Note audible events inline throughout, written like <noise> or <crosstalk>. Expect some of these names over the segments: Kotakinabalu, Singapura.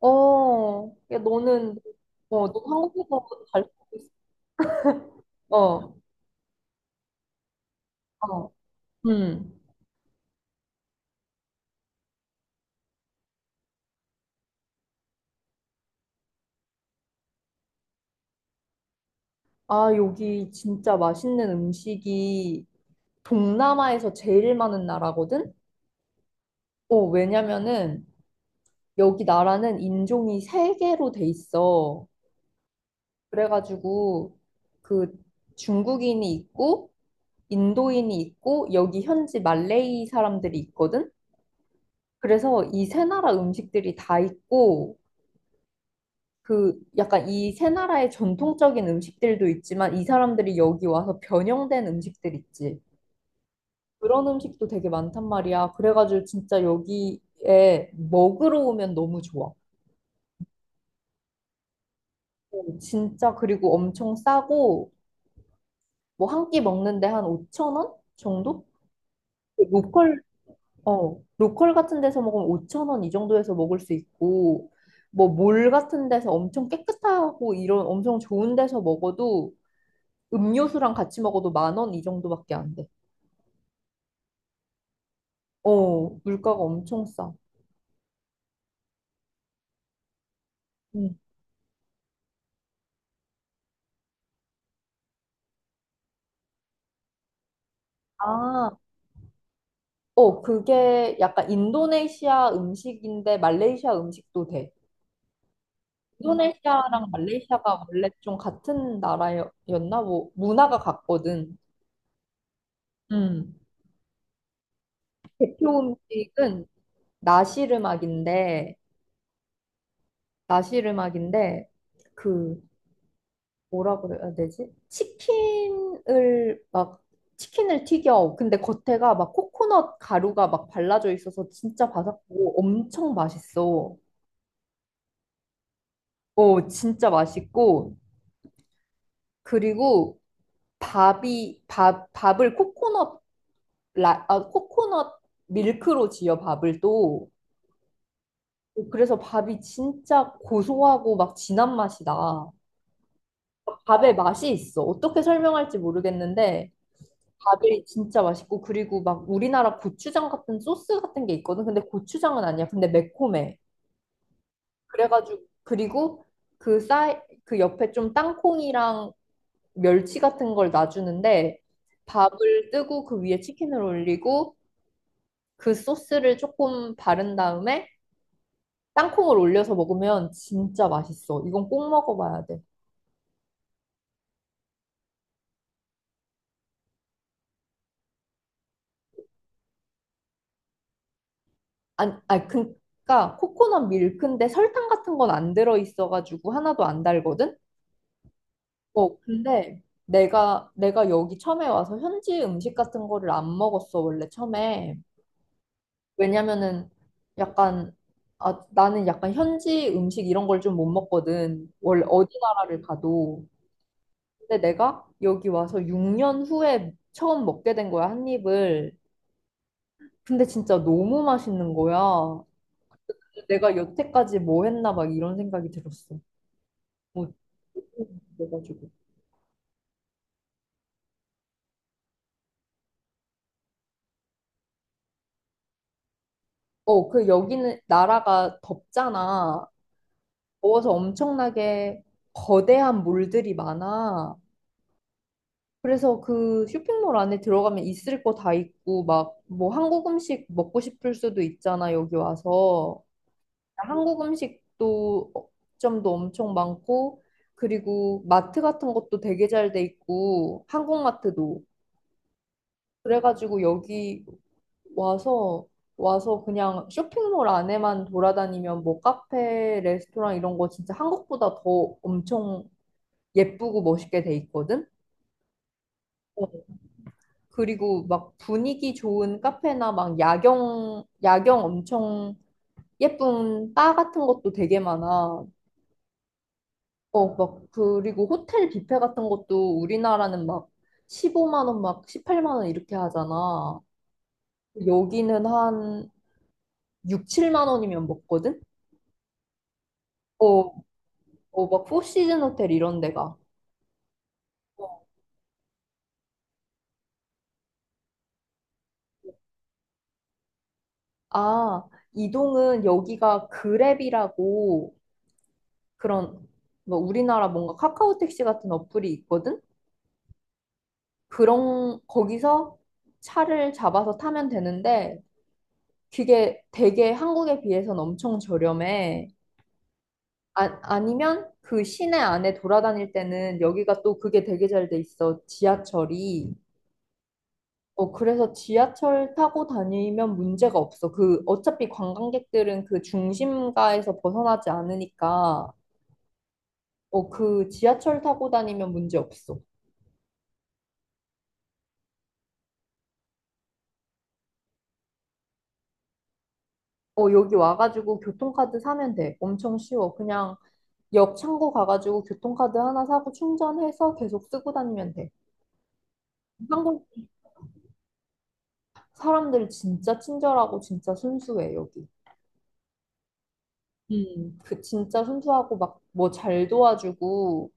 어, 야, 너는, 어, 너 한국에서 잘 살고 있어. 어, 어, 음. 아, 여기 진짜 맛있는 음식이 동남아에서 제일 많은 나라거든? 어, 왜냐면은 여기 나라는 인종이 세개로돼 있어. 그래가지고 그 중국인이 있고, 인도인이 있고, 여기 현지 말레이 사람들이 있거든? 그래서 이 세 나라 음식들이 다 있고, 그 약간 이 세 나라의 전통적인 음식들도 있지만 이 사람들이 여기 와서 변형된 음식들 있지. 그런 음식도 되게 많단 말이야. 그래가지고 진짜 여기에 먹으러 오면 너무 좋아. 어, 진짜 그리고 엄청 싸고 뭐 한 끼 먹는데 한 5천 원 정도? 그 로컬 같은 데서 먹으면 5천 원 이 정도에서 먹을 수 있고 뭐 몰 같은 데서 엄청 깨끗하고 이런 엄청 좋은 데서 먹어도 음료수랑 같이 먹어도 만원 이 정도밖에 안 돼. 어, 물가가 엄청 싸. 음. 아, 어, 그게 약간 인도네시아 음식인데 말레이시아 음식도 돼. 인도네시아랑 말레이시아가 원래 좀 같은 나라였나? 뭐, 문화가 같거든. 음. 대표 음식은 나시르막인데, 나시르막인데, 그, 뭐라 그래야 되지? 치킨을 튀겨. 근데 겉에가 막 코코넛 가루가 막 발라져 있어서 진짜 바삭하고 엄청 맛있어. 어, 진짜 맛있고 그리고 밥이 밥 밥을 코코넛 라, 아, 코코넛 밀크로 지어 밥을 또 그래서 밥이 진짜 고소하고 막 진한 맛이 나. 밥에 맛이 있어. 어떻게 설명할지 모르겠는데 밥이 진짜 맛있고 그리고 막 우리나라 고추장 같은 소스 같은 게 있거든. 근데 고추장은 아니야. 근데 매콤해. 그래가지고 그리고 그 쌀 그 옆에 좀 땅콩이랑 멸치 같은 걸 놔주는데 밥을 뜨고 그 위에 치킨을 올리고 그 소스를 조금 바른 다음에 땅콩을 올려서 먹으면 진짜 맛있어. 이건 꼭 먹어봐야 돼. 안, 아, 그러니까 코코넛 밀크인데 설탕 같은 건 안 들어있어가지고 하나도 안 달거든. 어, 근데 내가 여기 처음에 와서 현지 음식 같은 거를 안 먹었어, 원래 처음에. 왜냐면은 약간, 나는 약간 현지 음식 이런 걸 좀 못 먹거든. 원래 어디 나라를 가도. 근데 내가 여기 와서 6년 후에 처음 먹게 된 거야, 한 입을. 근데 진짜 너무 맛있는 거야. 내가 여태까지 뭐 했나 막 이런 생각이 들었어. 뭐, 그래가지고. 어, 그 여기는 나라가 덥잖아. 더워서 엄청나게 거대한 몰들이 많아. 그래서 그 쇼핑몰 안에 들어가면 있을 거 다 있고, 막 뭐 한국 음식 먹고 싶을 수도 있잖아, 여기 와서. 한국 음식도 점도 엄청 많고, 그리고 마트 같은 것도 되게 잘 돼 있고, 한국 마트도. 그래가지고 여기 와서 그냥 쇼핑몰 안에만 돌아다니면 뭐 카페, 레스토랑 이런 거 진짜 한국보다 더 엄청 예쁘고 멋있게 돼 있거든. 어, 그리고 막 분위기 좋은 카페나 막 야경, 야경 엄청 예쁜 바 같은 것도 되게 많아. 어, 막, 그리고 호텔 뷔페 같은 것도 우리나라는 막 15만 원, 막 18만 원 이렇게 하잖아. 여기는 한 6, 7만 원이면 먹거든? 어, 어, 막 포시즌 호텔 이런 데가. 아, 이동은 여기가 그랩이라고 그런 뭐 우리나라 뭔가 카카오 택시 같은 어플이 있거든? 그런 거기서 차를 잡아서 타면 되는데 그게 되게 한국에 비해서는 엄청 저렴해. 아, 아니면 그 시내 안에 돌아다닐 때는 여기가 또 그게 되게 잘 돼 있어. 지하철이. 어, 그래서 지하철 타고 다니면 문제가 없어. 그 어차피 관광객들은 그 중심가에서 벗어나지 않으니까 어, 그 지하철 타고 다니면 문제 없어. 어, 여기 와가지고 교통카드 사면 돼. 엄청 쉬워. 그냥 역 창구 가가지고 교통카드 하나 사고 충전해서 계속 쓰고 다니면 돼. 한국 사람들 진짜 친절하고 진짜 순수해, 여기. 음. 그 진짜 순수하고 막 뭐 잘 도와주고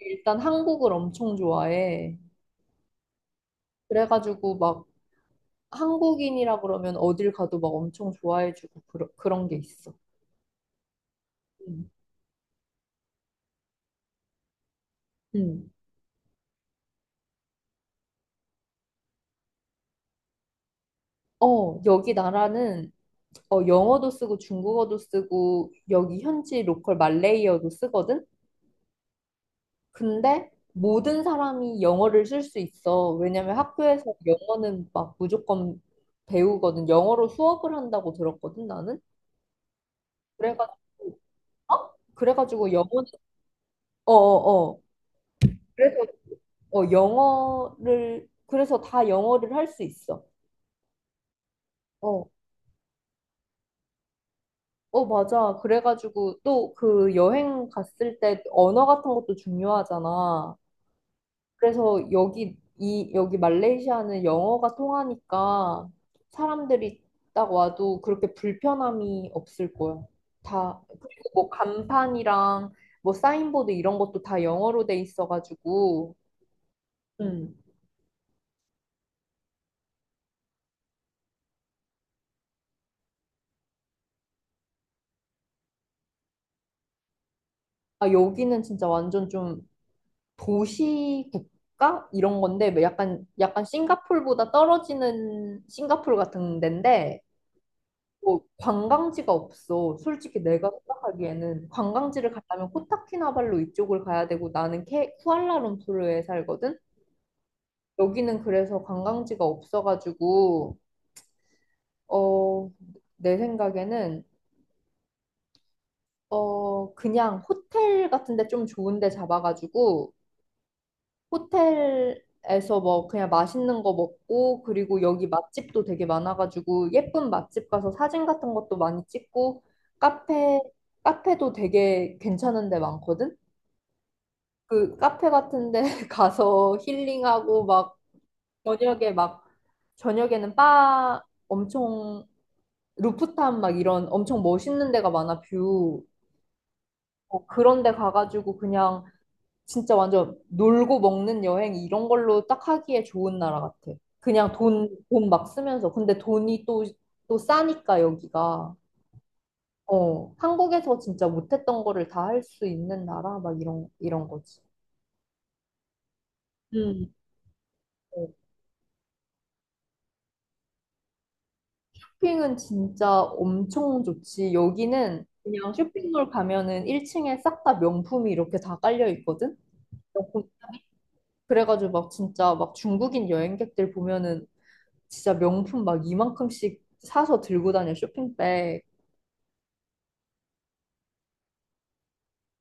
일단 한국을 엄청 좋아해. 그래가지고 막 한국인이라 그러면 어딜 가도 막 엄청 좋아해주고 그런 그런 게 있어. 음. 음. 어, 여기 나라는 어, 영어도 쓰고 중국어도 쓰고 여기 현지 로컬 말레이어도 쓰거든? 근데 모든 사람이 영어를 쓸 수 있어. 왜냐면 학교에서 영어는 막 무조건 배우거든. 영어로 수업을 한다고 들었거든, 나는. 그래가지고, 어? 그래가지고 영어는, 어어어. 그래서, 어, 그래서 다 영어를 할 수 있어. 어. 어, 맞아. 그래가지고 또 그 여행 갔을 때 언어 같은 것도 중요하잖아. 그래서 여기 말레이시아는 영어가 통하니까 사람들이 딱 와도 그렇게 불편함이 없을 거야. 다 그리고 뭐 간판이랑 뭐 사인보드 이런 것도 다 영어로 돼 있어가지고 음. 아 여기는 진짜 완전 좀 도시 국가 이런 건데 뭐 약간 싱가폴보다 떨어지는 싱가폴 같은 데인데 뭐 관광지가 없어. 솔직히 내가 생각하기에는 관광지를 가려면 코타키나발루 이쪽을 가야 되고 나는 쿠알라룸푸르에 살거든. 여기는 그래서 관광지가 없어가지고 어, 내 생각에는 어, 그냥 호텔 같은 데 좀 좋은 데 잡아가지고 호텔에서 뭐 그냥 맛있는 거 먹고 그리고 여기 맛집도 되게 많아가지고 예쁜 맛집 가서 사진 같은 것도 많이 찍고 카페 카페도 되게 괜찮은 데 많거든. 그 카페 같은 데 <laughs> 가서 힐링하고 막 저녁에 막 저녁에는 바 엄청 루프탑 막 이런 엄청 멋있는 데가 많아 뷰. 어, 그런 데 가가지고 그냥 진짜 완전 놀고 먹는 여행 이런 걸로 딱 하기에 좋은 나라 같아. 그냥 돈, 돈 막 쓰면서. 근데 돈이 또, 또 싸니까 여기가. 어, 한국에서 진짜 못했던 거를 다 할 수 있는 나라? 막 이런, 이런 거지. 음. 어, 쇼핑은 진짜 엄청 좋지. 여기는 그냥 쇼핑몰 가면은 1층에 싹 다 명품이 이렇게 다 깔려 있거든? 그래가지고 막 진짜 막 중국인 여행객들 보면은 진짜 명품 막 이만큼씩 사서 들고 다녀 쇼핑백.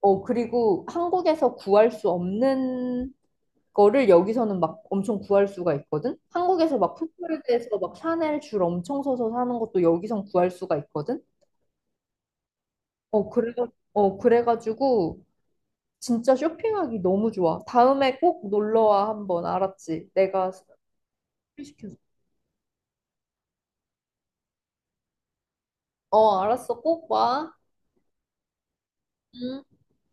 어, 그리고 한국에서 구할 수 없는 거를 여기서는 막 엄청 구할 수가 있거든? 한국에서 막 풋볼드에서 막 샤넬 줄 엄청 서서 사는 것도 여기선 구할 수가 있거든? 어, 그래, 그래가지고 진짜 쇼핑하기 너무 좋아. 다음에 꼭 놀러와 한번 알았지? 내가 소개시켜줄게. 어, 알았어. 꼭 와. 음.